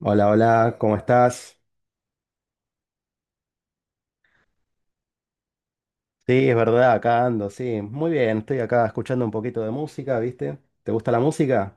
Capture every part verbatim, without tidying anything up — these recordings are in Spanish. Hola, hola, ¿cómo estás? Sí, es verdad, acá ando, sí. Muy bien, estoy acá escuchando un poquito de música, ¿viste? ¿Te gusta la música?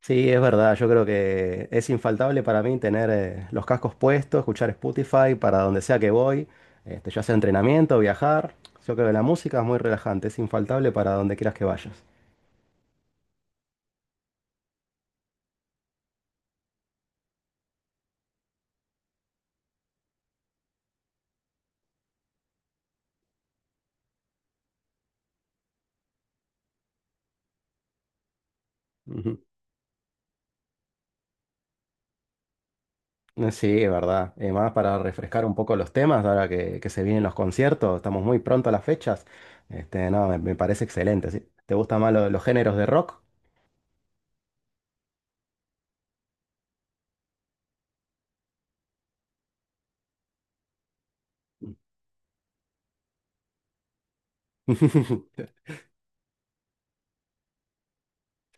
Sí, es verdad, yo creo que es infaltable para mí tener eh, los cascos puestos, escuchar Spotify para donde sea que voy, este, ya sea entrenamiento, viajar. Yo creo que la música es muy relajante, es infaltable para donde quieras que vayas. Eh, Sí, es verdad. Y más para refrescar un poco los temas, ahora que, que se vienen los conciertos, estamos muy pronto a las fechas. Este, no, me, me parece excelente. ¿Sí? ¿Te gustan más lo- los géneros de rock?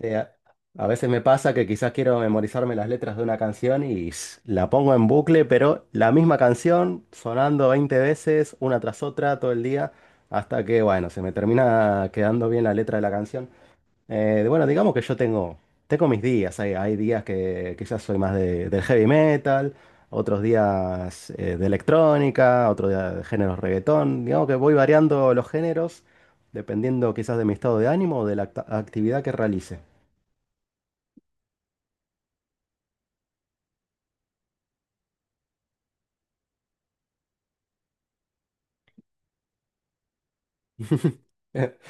Sí, a, a veces me pasa que quizás quiero memorizarme las letras de una canción y s- la pongo en bucle, pero la misma canción sonando veinte veces, una tras otra, todo el día, hasta que, bueno, se me termina quedando bien la letra de la canción. Eh, bueno, digamos que yo tengo, tengo mis días. Hay, hay días que quizás soy más de, del heavy metal, otros días eh, de electrónica, otros días de géneros reggaetón. Digamos que voy variando los géneros dependiendo quizás de mi estado de ánimo o de la acta- actividad que realice.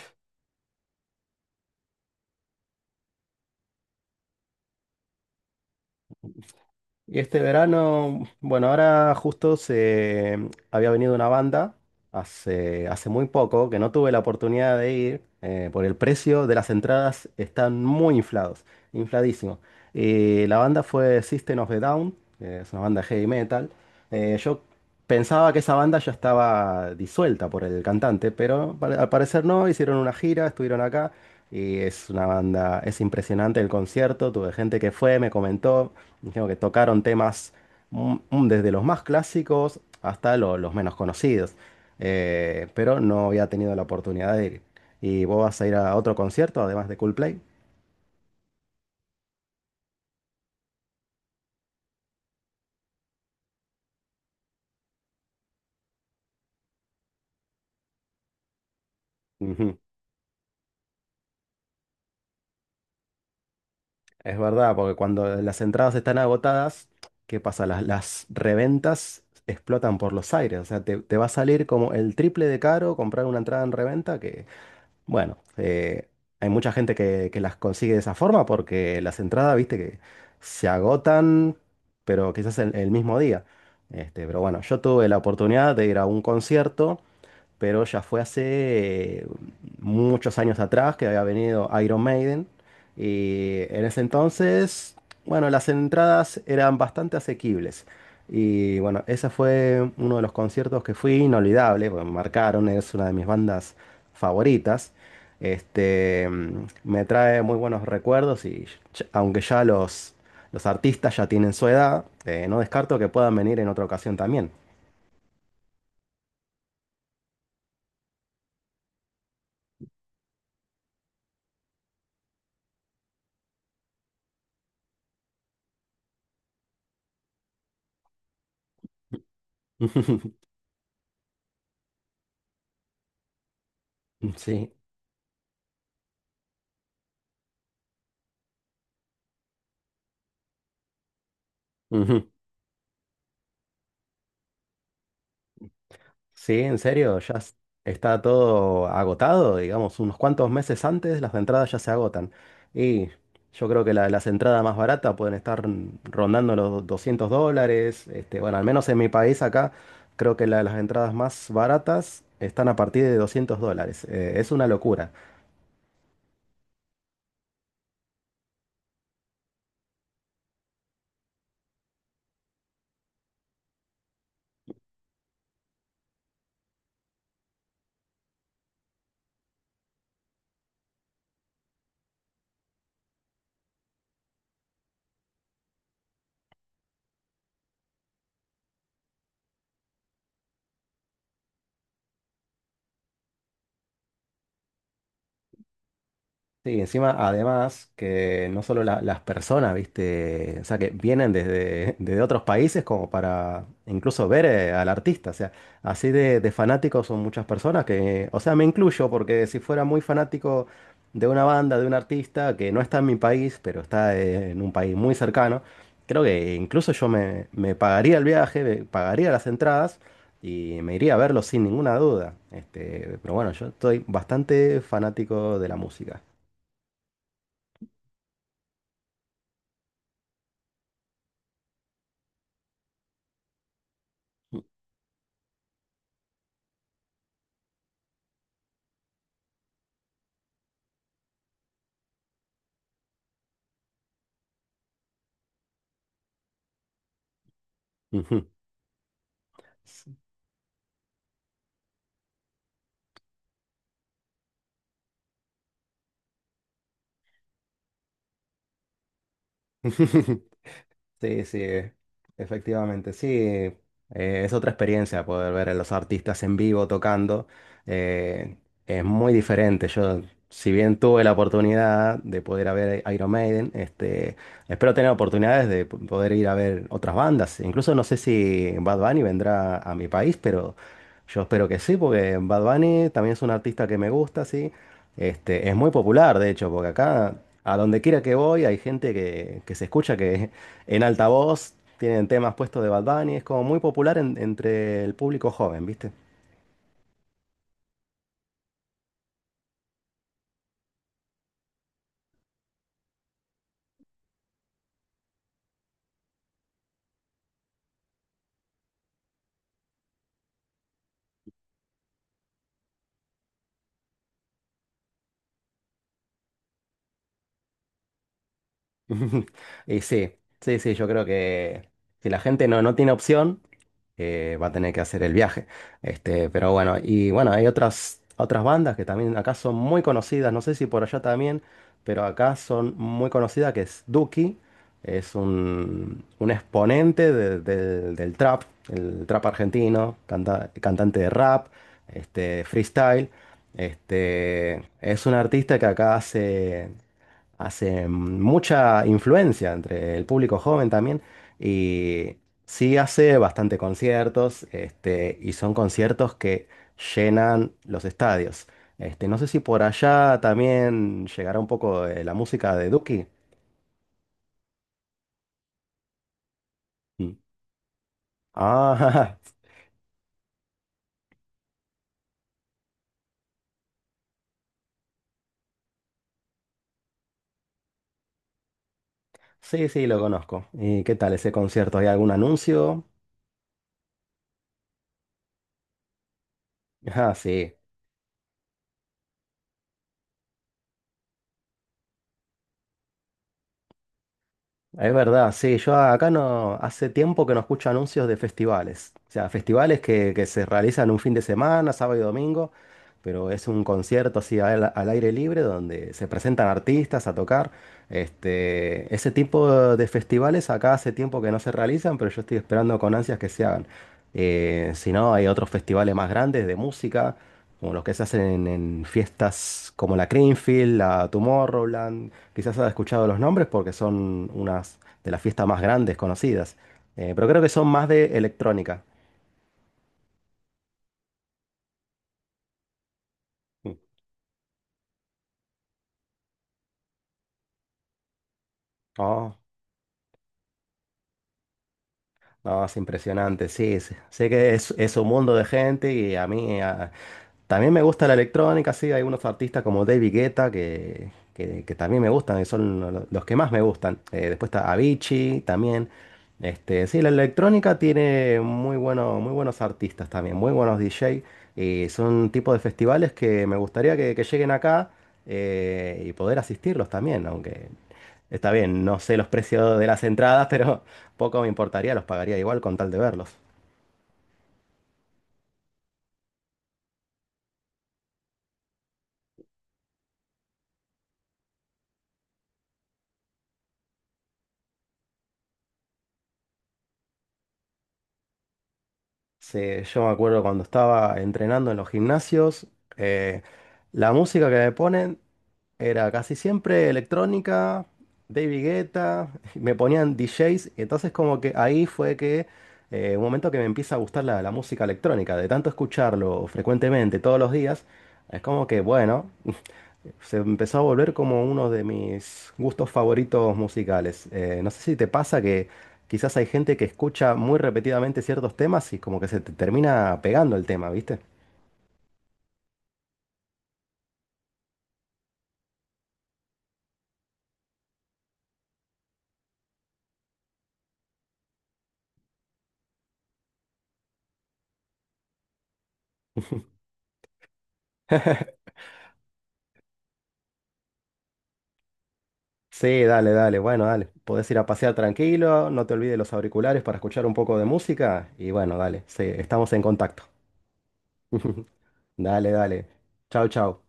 Y este verano, bueno, ahora justo se mm, había venido una banda hace, hace muy poco, que no tuve la oportunidad de ir, eh, por el precio de las entradas están muy inflados, infladísimos. Y la banda fue System of a Down, que es una banda heavy metal. Eh, yo pensaba que esa banda ya estaba disuelta por el cantante, pero pare- al parecer no, hicieron una gira, estuvieron acá. Y es una banda, es impresionante el concierto, tuve gente que fue, me comentó. Tengo que tocaron temas mm, mm, desde los más clásicos hasta lo- los menos conocidos. Eh, pero no había tenido la oportunidad de ir. ¿Y vos vas a ir a otro concierto además de Coldplay? Ujú. Es verdad, porque cuando las entradas están agotadas, ¿qué pasa? Las, las reventas explotan por los aires. O sea, te, te va a salir como el triple de caro comprar una entrada en reventa. Bueno, eh, hay mucha gente que, que las consigue de esa forma porque las entradas, viste, que se agotan, pero quizás el, el mismo día. Este, pero bueno, yo tuve la oportunidad de ir a un concierto pero ya fue hace eh, muchos años atrás que había venido Iron Maiden. Y en ese entonces, bueno, las entradas eran bastante asequibles. Y bueno, ese fue uno de los conciertos que fui inolvidable, porque me marcaron, es una de mis bandas favoritas. Este, mm, me trae muy buenos recuerdos y ch- aunque ya los, los artistas ya tienen su edad, eh, no descarto que puedan venir en otra ocasión también. Sí. Sí, en serio, ya s- está todo agotado, digamos, unos cuantos meses antes las entradas ya se agotan. Y yo creo que la- las entradas más baratas pueden estar rondando los doscientos dólares. Este, bueno, al menos en mi país acá, creo que la- las entradas más baratas están a partir de doscientos dólares. Eh, es una locura. Sí, encima, además, que no solo la- las personas, ¿viste? O sea, que vienen desde, desde otros países como para incluso ver eh, al artista. O sea, así de, de fanáticos son muchas personas que, o sea, me incluyo porque si fuera muy fanático de una banda, de un artista que no está en mi país, pero está eh, en un país muy cercano, creo que incluso yo me, me pagaría el viaje, me pagaría las entradas. Y me iría a verlo sin ninguna duda. Este, pero bueno, yo estoy bastante fanático de la música. Ujú. Sí, sí, eh, efectivamente, sí. Eh, es otra experiencia poder ver a los artistas en vivo tocando. eh, es muy diferente. Yo, si bien tuve la oportunidad de poder ir a ver a Iron Maiden, este, espero tener oportunidades de p- poder ir a ver otras bandas. Incluso no sé si Bad Bunny vendrá a mi país, pero yo espero que sí, porque Bad Bunny también es un artista que me gusta, sí. Este, es muy popular, de hecho, porque acá, a donde quiera que voy, hay gente que, que se escucha que en altavoz tienen temas puestos de Bad Bunny. Es como muy popular en- entre el público joven, ¿viste? Y sí, sí, sí, yo creo que si la gente no, no tiene opción. Eh, va a tener que hacer el viaje. Este, pero bueno, y bueno, hay otras, otras bandas que también acá son muy conocidas, no sé si por allá también, pero acá son muy conocidas, que es Duki, es un, un exponente de- del del trap, el trap argentino, canta- cantante de rap, este, freestyle. Este, es un artista que acá hace hace mucha influencia entre el público joven también y sí hace bastante conciertos, este, y son conciertos que llenan los estadios. Este, no sé si por allá también llegará un poco de la música de Duki. Mm. Ah, sí, sí, lo conozco. ¿Y qué tal ese concierto? ¿Hay algún anuncio? Ah, sí. Es verdad, sí, yo acá no, hace tiempo que no escucho anuncios de festivales, o sea, festivales que, que se realizan un fin de semana, sábado y domingo, pero es un concierto así al, al aire libre donde se presentan artistas a tocar. Este, ese tipo de festivales acá hace tiempo que no se realizan, pero yo estoy esperando con ansias que se hagan. Eh, si no, hay otros festivales más grandes de música, como los que se hacen en, en fiestas como la Creamfield, la Tomorrowland. Quizás has escuchado los nombres porque son unas de las fiestas más grandes conocidas. Eh, pero creo que son más de electrónica. Mm. Oh. No, es impresionante, sí, sí. Sé que es, es un mundo de gente y a mí ah, también me gusta la electrónica, sí, hay unos artistas como David Guetta que, que, que también me gustan, y son lo- los que más me gustan. Eh, después está Avicii también. Este, sí, la electrónica tiene muy bueno, muy buenos artistas también, muy buenos D J y son tipos de festivales que me gustaría que, que lleguen acá eh, y poder asistirlos también, aunque está bien, no sé los precios de las entradas, pero, poco me importaría, los pagaría igual con tal de verlos. Sí, yo me acuerdo cuando estaba entrenando en los gimnasios, eh, la música que me ponen era casi siempre electrónica, David Guetta, me ponían D Js, y entonces como que ahí fue que eh, un momento que me empieza a gustar la, la música electrónica, de tanto escucharlo frecuentemente todos los días, es como que bueno, se empezó a volver como uno de mis gustos favoritos musicales. Eh, no sé si te pasa que quizás hay gente que escucha muy repetidamente ciertos temas y como que se te termina pegando el tema, ¿viste? Sí, dale, dale, bueno, dale. Podés ir a pasear tranquilo, no te olvides los auriculares para escuchar un poco de música y bueno, dale, sí, estamos en contacto. Dale, dale. Chau, chau.